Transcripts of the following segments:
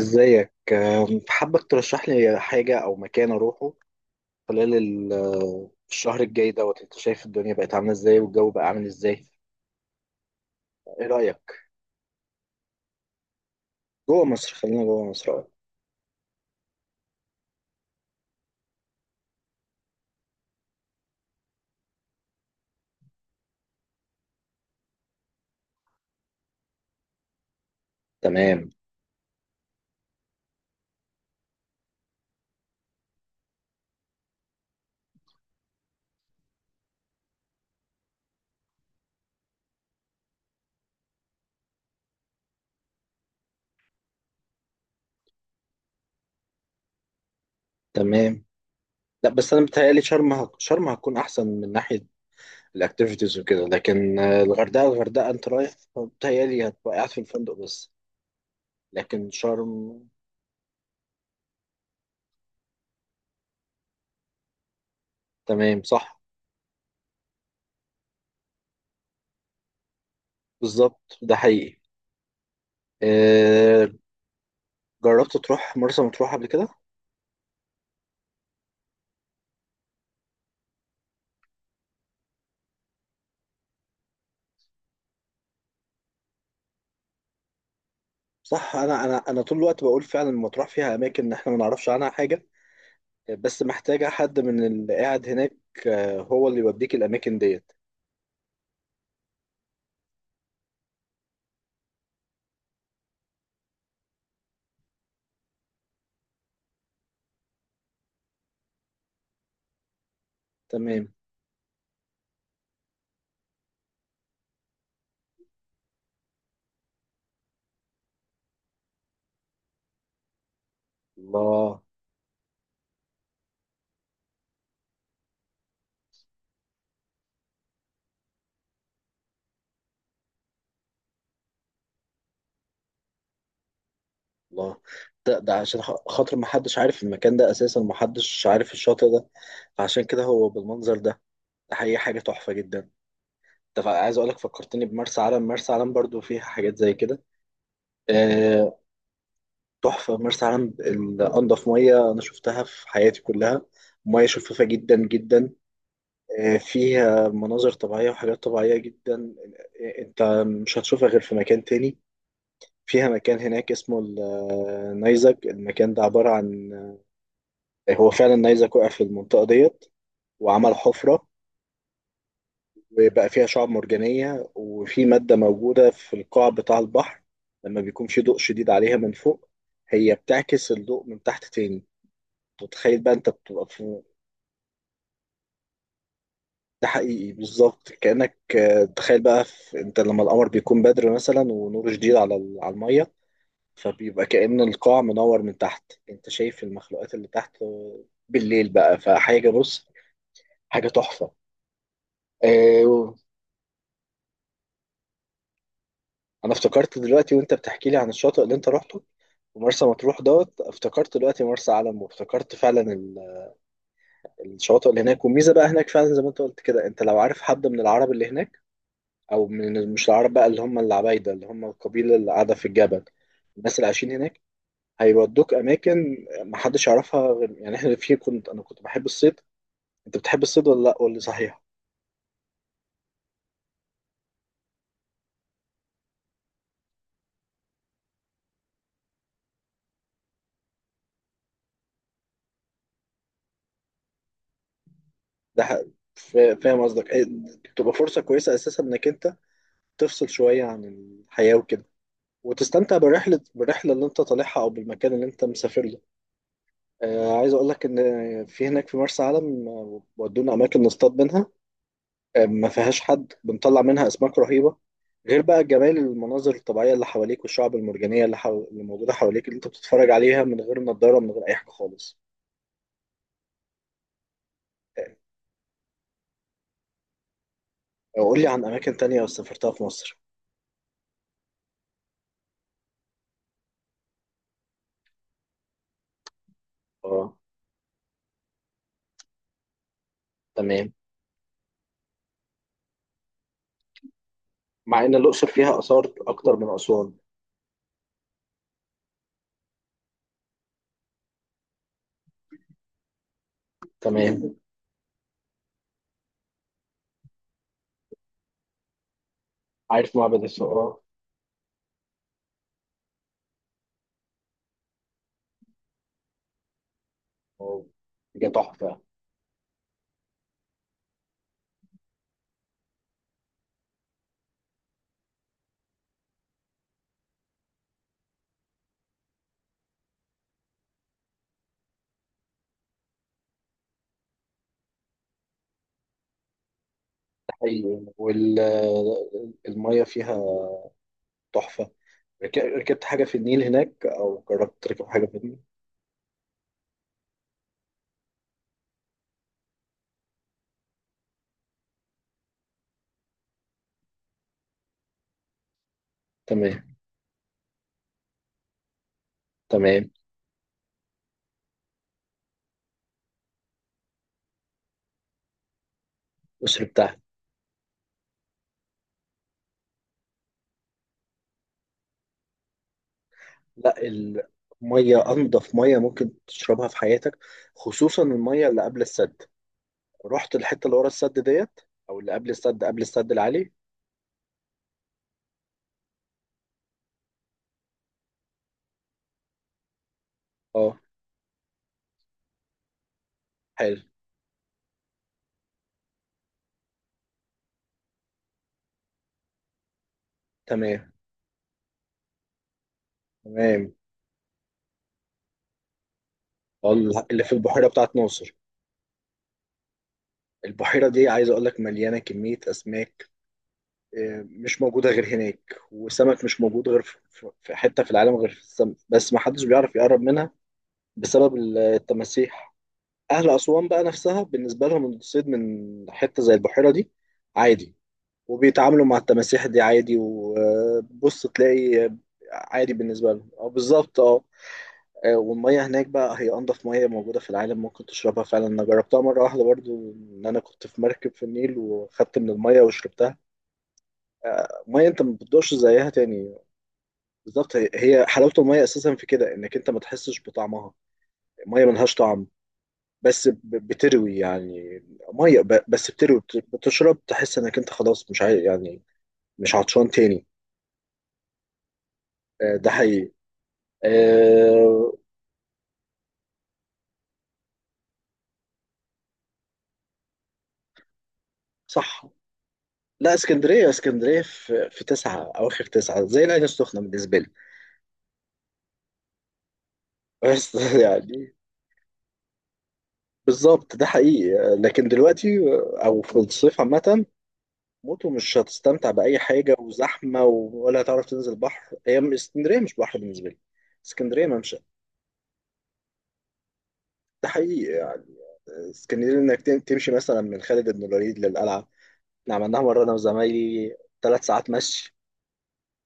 ازيك حابك ترشح لي حاجة أو مكان أروحه خلال الشهر الجاي دوت. أنت شايف الدنيا بقت عاملة إزاي والجو بقى عامل إزاي؟ إيه رأيك؟ جوه مصر، خلينا جوه مصر، أه. تمام. تمام. لا، بس أنا بتهيألي شرم شرم هتكون أحسن من ناحية الأكتيفيتيز وكده، لكن الغردقة، الغردقة أنت رايح بتهيألي هتبقى قاعد في الفندق بس. لكن شرم. تمام صح. بالظبط ده حقيقي. أه. جربت تروح مرسى مطروح قبل كده؟ صح. انا طول الوقت بقول فعلا مطروح فيها اماكن احنا ما نعرفش عنها حاجه، بس محتاجه حد من اللي قاعد هناك، هو اللي يوديك الاماكن ديت. تمام. الله. الله. ده عشان خاطر ما حدش عارف المكان ده اساسا، ما حدش عارف الشاطئ ده. عشان كده هو بالمنظر ده. ده حقيقي حاجه تحفه جدا. عايز اقول لك فكرتني بمرسى علم. مرسى علم برضو فيها حاجات زي كده. آه. تحفه مرسى علم، انضف ميه انا شفتها في حياتي كلها، ميه شفافه جدا جدا. فيها مناظر طبيعية وحاجات طبيعية جدا. انت مش هتشوفها غير في مكان تاني. فيها مكان هناك اسمه النيزك. المكان ده عبارة عن، هو فعلا النيزك وقع في المنطقة ديت وعمل حفرة، وبقى فيها شعاب مرجانية، وفي مادة موجودة في القاع بتاع البحر، لما بيكون في ضوء شديد عليها من فوق، هي بتعكس الضوء من تحت تاني. تتخيل بقى انت بتبقى في، ده حقيقي، بالظبط كأنك، تخيل بقى، في انت لما القمر بيكون بدر مثلا ونور شديد على على المية، فبيبقى كأن القاع منور من تحت، انت شايف المخلوقات اللي تحت، بالليل بقى، فحاجة، بص، حاجة تحفة. آه، و- انا افتكرت دلوقتي وانت بتحكي لي عن الشاطئ اللي انت روحته ومرسى مطروح دوت. افتكرت دلوقتي مرسى علم وافتكرت فعلا الشواطئ اللي هناك، والميزة بقى هناك فعلا زي ما انت قلت كده، انت لو عارف حد من العرب اللي هناك، او من مش العرب بقى اللي هم العبايده، اللي هم القبيله اللي قاعده في الجبل، الناس اللي عايشين هناك هيودوك اماكن محدش يعرفها. غير يعني احنا في كنت، انا كنت بحب الصيد. انت بتحب الصيد ولا لا ولا صحيح؟ ده ح- فاهم قصدك إيه. تبقى فرصه كويسه اساسا انك انت تفصل شويه عن الحياه وكده، وتستمتع بالرحله، بالرحله اللي انت طالعها او بالمكان اللي انت مسافر له. آه، عايز اقول لك ان في هناك في مرسى علم، ودونا اماكن نصطاد منها، ما فيهاش حد، بنطلع منها اسماك رهيبه غير بقى جمال المناظر الطبيعيه اللي حواليك، والشعب المرجانيه اللي موجوده حواليك، اللي انت بتتفرج عليها من غير نضاره، من غير اي حاجه خالص. آه. قول لي عن اماكن تانية سافرتها في مصر. اه. تمام. مع ان الاقصر فيها اثار اكتر من اسوان. تمام. عارف معبد الفقراء. آه، حاجه تحفه. ده حقيقي. والميه فيها تحفه. ركبت حاجه في النيل هناك او جربت تركب حاجه في النيل؟ تمام. تمام. الأقصر بتاعها. لا، المية أنضف مية ممكن تشربها في حياتك، خصوصا المية اللي قبل السد. رحت الحتة اللي ورا السد ديت أو اللي قبل السد، قبل السد العالي؟ اه. حلو. تمام. تمام. اللي في البحيرة بتاعت ناصر. البحيرة دي عايز أقول لك مليانة كمية أسماك، مش موجودة غير هناك، وسمك مش موجود غير في في حتة في العالم، غير في السمك بس، ما حدش بيعرف يقرب منها بسبب التماسيح. أهل أسوان بقى نفسها بالنسبة لهم الصيد من حتة زي البحيرة دي عادي. وبيتعاملوا مع التماسيح دي عادي، وبص تلاقي عادي بالنسبة لهم. اه، بالظبط اه. والمية هناك بقى هي أنضف مية موجودة في العالم ممكن تشربها، فعلا أنا جربتها مرة واحدة برضو، إن أنا كنت في مركب في النيل وخدت من المية وشربتها. مية أنت ما بتدوقش زيها تاني. بالظبط، هي حلاوة المية أساسا في كده، إنك أنت ما تحسش بطعمها، المية ملهاش طعم. بس ب- بتروي يعني. مية بس بتروي، بتشرب تحس إنك أنت خلاص مش يعني مش عطشان تاني. ده حقيقي. آه، صح. لا اسكندريه، اسكندريه في في تسعه، اواخر تسعه، زي العين السخنه بالنسبه لي. بس يعني بالظبط ده حقيقي. لكن دلوقتي، او في الصيف عامه موتو. مش هتستمتع باي حاجه، وزحمه، ولا هتعرف تنزل بحر. هي اسكندريه مش بحر بالنسبه لي. اسكندريه ممشى. ده حقيقي يعني. اسكندريه انك تمشي مثلا من خالد بن الوليد للقلعه. احنا عملناها مره انا وزمايلي. ثلاث ساعات مشي.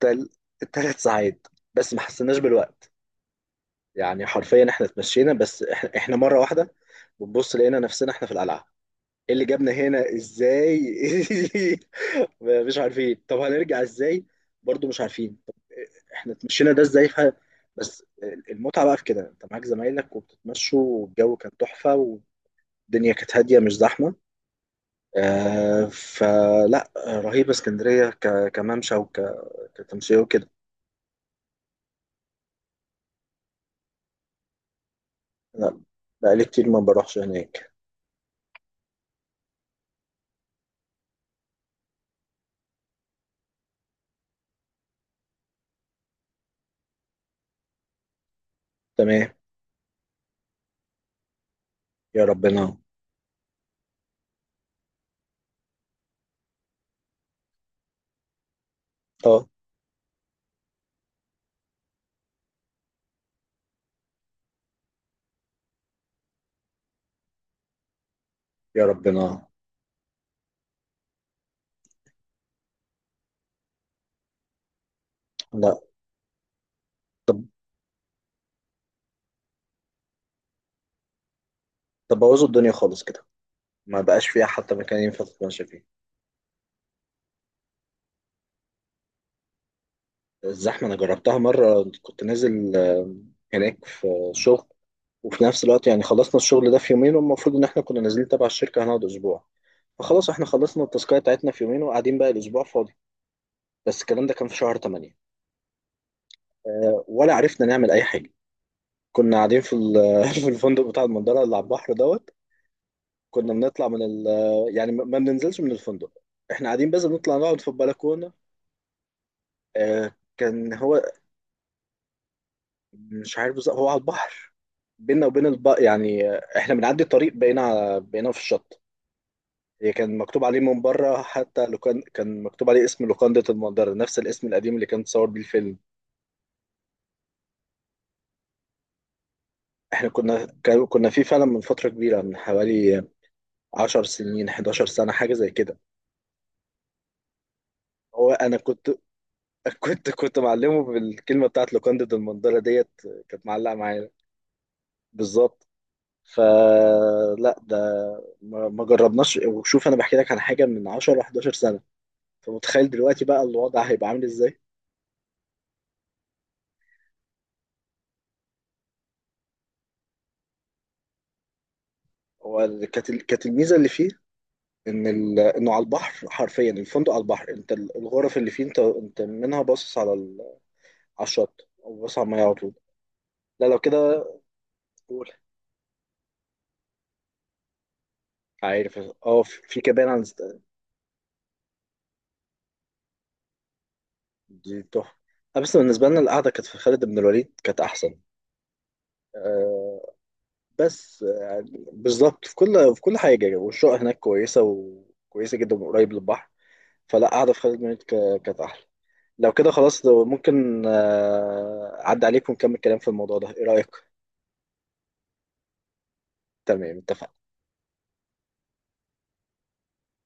تل... تلات ساعات، بس ما حسيناش بالوقت. يعني حرفيا احنا اتمشينا، بس احنا مره واحده بنبص لقينا نفسنا احنا في القلعه. ايه اللي جابنا هنا ازاي؟ مش عارفين طب هنرجع ازاي، برضو مش عارفين طب احنا اتمشينا ده ازاي بس المتعه بقى في كده، انت معاك زمايلك وبتتمشوا والجو كان تحفه والدنيا كانت هاديه مش زحمه. آه فلا رهيبه اسكندريه كممشى كتمشيه وكده. لا، بقالي كتير ما بروحش هناك. تمام. يا ربنا. اه. يا ربنا. لا. طب. طب بوظوا الدنيا خالص كده، ما بقاش فيها حتى مكان ينفع تتمشى فيه. الزحمة أنا جربتها مرة، كنت نازل هناك في شغل، وفي نفس الوقت يعني خلصنا الشغل ده في يومين، والمفروض إن إحنا كنا نازلين تبع الشركة هنقعد أسبوع. فخلاص إحنا خلصنا التاسكاية بتاعتنا في يومين، وقاعدين بقى الأسبوع فاضي. بس الكلام ده كان في شهر 8، ولا عرفنا نعمل أي حاجة. كنا قاعدين في في الفندق بتاع المنظرة اللي على البحر دوت. كنا بنطلع من ال، يعني ما بننزلش من الفندق، احنا قاعدين بس بنطلع نقعد في البلكونة. كان هو. مش عارف بالظبط هو على البحر، بينا وبين يعني احنا بنعدي الطريق بقينا بقينا في الشط. هي كان مكتوب عليه من بره، حتى لو كان كان مكتوب عليه اسم لوكاندة المنظرة، نفس الاسم القديم اللي كان اتصور بيه الفيلم. احنا كنا كنا فيه فعلا من فترة كبيرة، من حوالي 10 سنين، 11 سنة حاجة زي كده. هو انا كنت كنت معلمه بالكلمه بتاعت لوكاندو دي، المندله ديت. كانت معلقه معايا. بالظبط. فلا ده ما جربناش. وشوف انا بحكي لك عن حاجه من 10 ل 11 سنه، فمتخيل دلوقتي بقى الوضع هيبقى عامل ازاي. هو كانت كانت الميزه اللي فيه، ان انه على البحر حرفيا، الفندق على البحر، انت الغرف اللي فيه، انت منها باصص على على الشط او باصص على الميه على طول. لا لو كده. قول. عارف. اه، في، في كمان عن. دي تحفة. بس بالنسبة لنا القعدة كانت في خالد بن الوليد كانت أحسن. آه، بس يعني بالظبط في كل في كل حاجة، والشقة هناك كويسة وكويسة جدا وقريب للبحر. فلا قعدة في خالد بن الوليد كانت أحلى. لو كده خلاص، لو ممكن أعدي عليك ونكمل كلام في الموضوع ده، إيه رأيك؟ تمام اتفقنا.